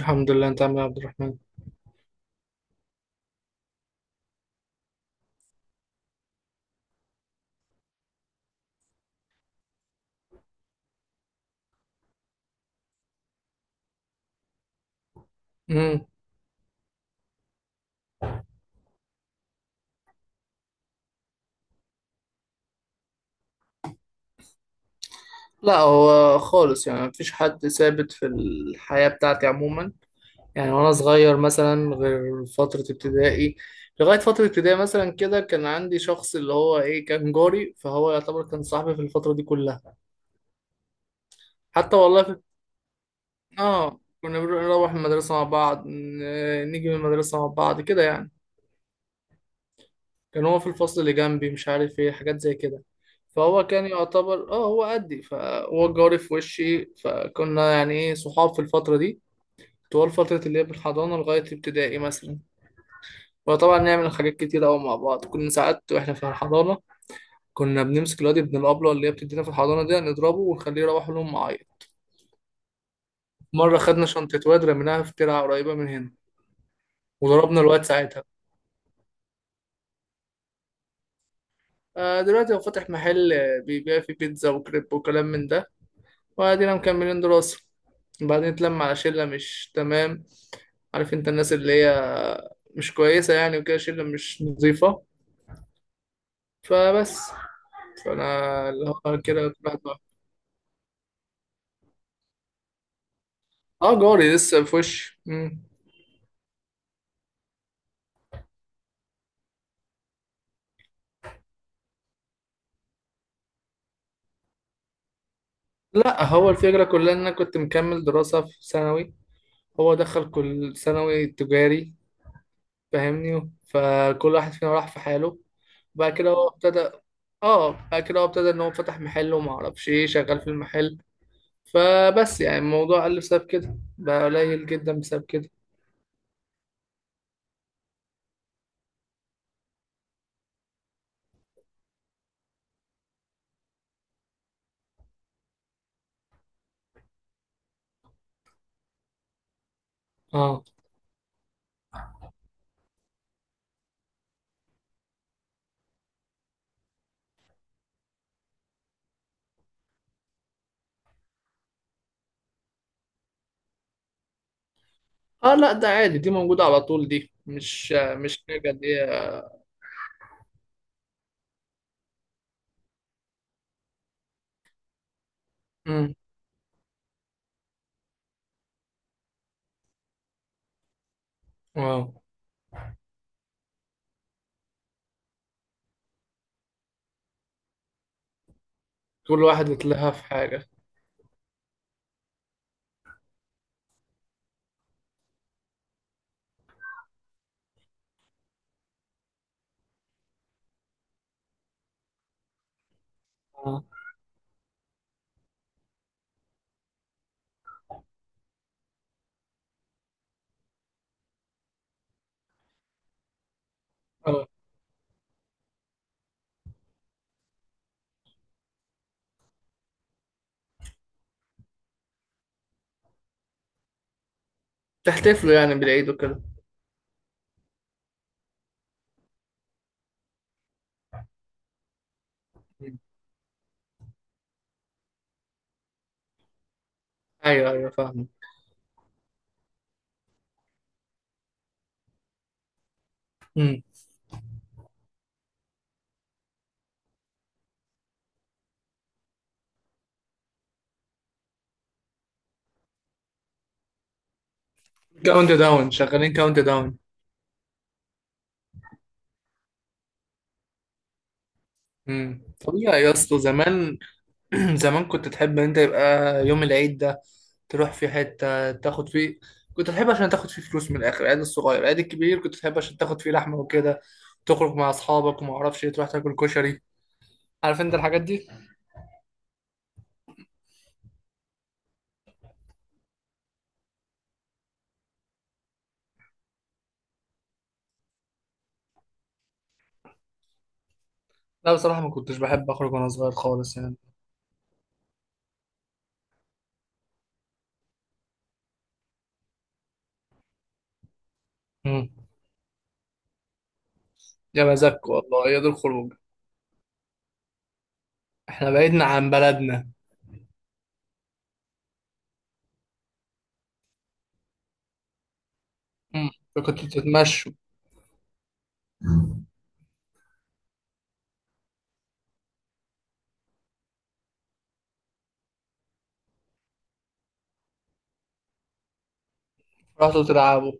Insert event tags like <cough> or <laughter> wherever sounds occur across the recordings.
الحمد لله، انت عامل ايه يا عبد الرحمن؟ امم لا، هو خالص يعني مفيش حد ثابت في الحياة بتاعتي عموما. يعني وانا صغير مثلا، غير فترة ابتدائي. لغاية فترة ابتدائي مثلا كده كان عندي شخص اللي هو ايه، كان جاري، فهو يعتبر كان صاحبي في الفترة دي كلها. حتى والله في. اه، كنا بنروح المدرسة مع بعض، نيجي من المدرسة مع بعض كده يعني. كان هو في الفصل اللي جنبي، مش عارف ايه، حاجات زي كده. فهو كان يعتبر هو قدي، فهو جاري في وشي، فكنا يعني ايه، صحاب في الفترة دي. طوال فترة اللي هي من الحضانة لغاية ابتدائي مثلا. وطبعا نعمل حاجات كتير أوي مع بعض. كنا ساعات واحنا في الحضانة كنا بنمسك الواد ابن الأبلة اللي هي بتدينا في الحضانة دي، نضربه ونخليه يروح لهم معايا. مرة خدنا شنطة واد، رميناها في ترعة قريبة من هنا، وضربنا الواد ساعتها. آه، دلوقتي هو فاتح محل، آه، بيبيع فيه بيتزا وكريب وكلام من ده. وادينا مكملين دراسة، وبعدين اتلم على شلة مش تمام. عارف انت، الناس اللي هي مش كويسة يعني، وكده، شلة مش نظيفة. فبس. فانا اللي هو كده كل واحد بقى- اه، جاري لسه في وشي. مم. لا، هو الفكرة كلها ان انا كنت مكمل دراسة في ثانوي، هو دخل كل ثانوي تجاري، فاهمني؟ فكل واحد فينا راح في حاله. بعد كده هو ابتدى اه بعد كده هو ابتدى ان هو فتح محل، وما اعرفش ايه شغال في المحل. فبس، يعني الموضوع قل بسبب كده، بقى قليل جدا بسبب كده. اه. اه، لا، ده عادي، دي موجودة على طول، دي مش حاجة دي. امم. اه، كل واحد يتلهى في حاجة. اه. اه، تحتفلوا يعني بالعيد وكده. مم. ايوه ايوه، فاهم. امم. كاونت داون، شغالين كاونت داون. امم، طبيعي يا اسطى. زمان <clears throat> زمان كنت تحب ان انت يبقى يوم العيد ده تروح في حتة تاخد فيه. كنت تحب عشان تاخد فيه فلوس، من الاخر العيد الصغير العيد الكبير كنت تحب عشان تاخد فيه لحمة وكده. تخرج مع اصحابك وما اعرفش إيه، تروح تاكل كشري، عارف انت الحاجات دي. لا بصراحة، ما كنتش بحب اخرج وانا صغير خالص يعني. امم. يا مزاج، والله يا دول الخروج. احنا بعيدنا عن بلدنا. امم. فكنتوا تتمشوا. رحتوا تلعبوا.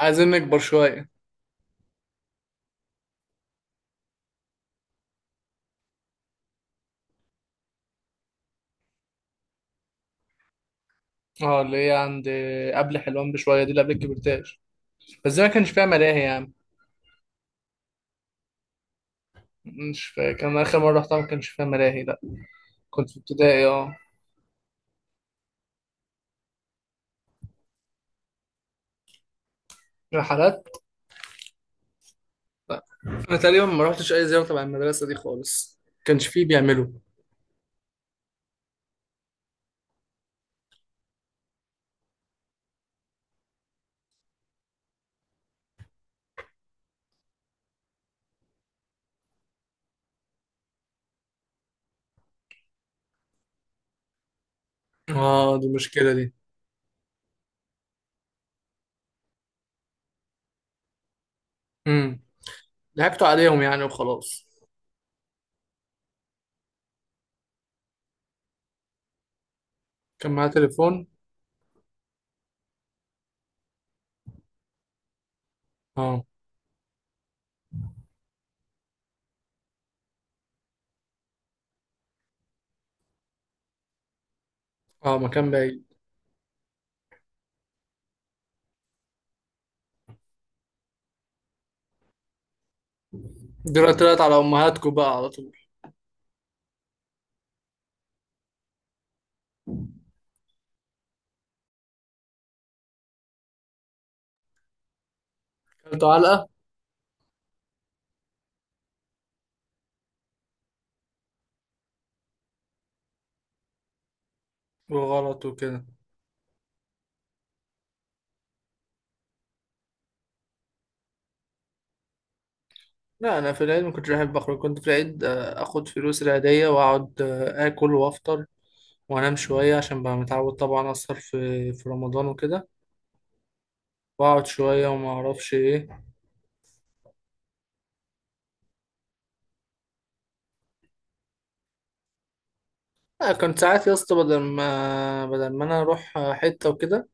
عايزين نكبر شوية. اه، اللي هي عند. قبل حلوان بشوية دي، اللي قبل الكبرتاج. بس زي ما كانش فيها ملاهي يعني. مش فاكر، انا اخر مره رحتها ما كانش فيها ملاهي، لا. كنت في ابتدائي، اه. رحلات. لا انا تقريبا ما رحتش اي زياره تبع المدرسه دي خالص، ما كانش فيه بيعملوا. اه، دي المشكله دي. امم. ضحكتوا عليهم يعني وخلاص. كان معايا تليفون. اه. اه، مكان بعيد. دلوقتي طلعت على امهاتكم بقى على طول. كلتوا علقه. وغلط وكده. لا، انا في العيد ما كنتش بحب اخرج. كنت في العيد آه، اخد فلوس العيديه واقعد، آه، اكل وافطر وانام شويه، عشان بقى متعود طبعا اسهر في رمضان وكده. واقعد شويه وما اعرفش ايه. لا، كنت ساعات يا اسطى بدل ما انا اروح حته وكده،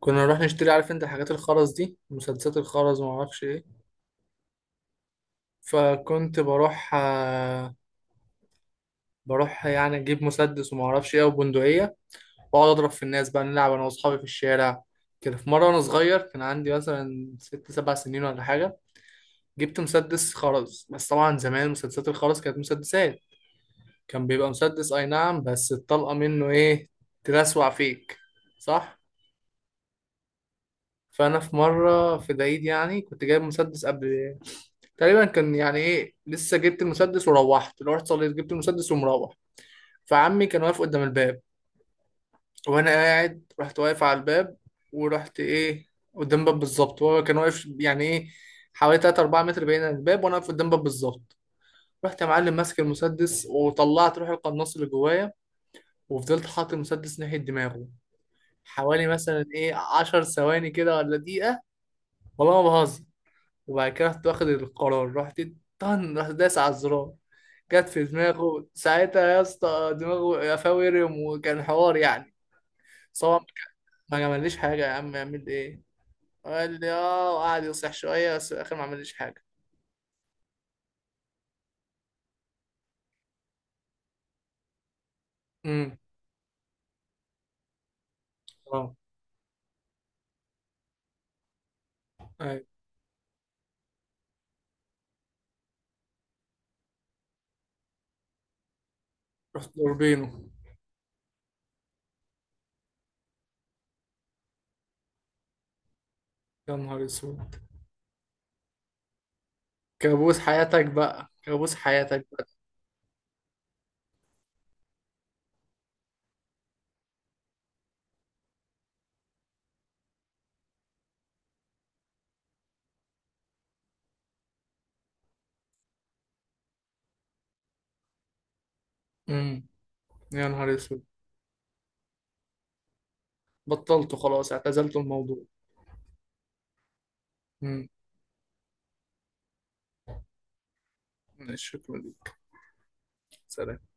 كنا نروح نشتري. عارف انت الحاجات الخرز دي، مسدسات الخرز وما اعرفش ايه. فكنت بروح، آه، بروح يعني اجيب مسدس وما اعرفش ايه وبندقيه، واقعد اضرب في الناس بقى، نلعب انا واصحابي في الشارع كده. في مره وانا صغير، كان عندي مثلا 6 7 سنين ولا حاجه، جبت مسدس خرز. بس طبعا زمان مسدسات الخرز كانت مسدسات، كان بيبقى مسدس اي نعم، بس الطلقة منه ايه، تلسوع فيك. صح. فانا في مرة في العيد، يعني كنت جايب مسدس قبل تقريبا، كان يعني ايه، لسه جبت المسدس، وروحت لو رحت صليت جبت المسدس ومروح. فعمي كان واقف قدام الباب، وانا قاعد رحت واقف على الباب. ورحت ايه، قدام باب بالظبط. وهو كان واقف يعني ايه، حوالي 3 4 متر بعيد عن الباب، وانا واقف قدام باب بالظبط. رحت يا معلم ماسك المسدس، وطلعت روح القناص اللي جوايا، وفضلت حاطط المسدس ناحية دماغه حوالي مثلا ايه، 10 ثواني كده ولا دقيقة. والله ما بهزر. وبعد كده رحت واخد القرار، رحت طن، رحت داس على الزرار. جت في دماغه ساعتها يا اسطى، دماغه قفاه ورم، وكان حوار يعني. طبعا ما عملليش حاجة، يا عم يعمل ايه؟ قال لي اه، وقعد يصيح شوية، بس في الآخر ما عملليش حاجة. امم. اه. أيوة. رحت ضربينه. يا نهار اسود. كابوس حياتك بقى، كابوس حياتك بقى. امم. يا نهار اسود. بطلته خلاص، اعتزلت الموضوع. مم. ماشي، شكرا لك. سلام.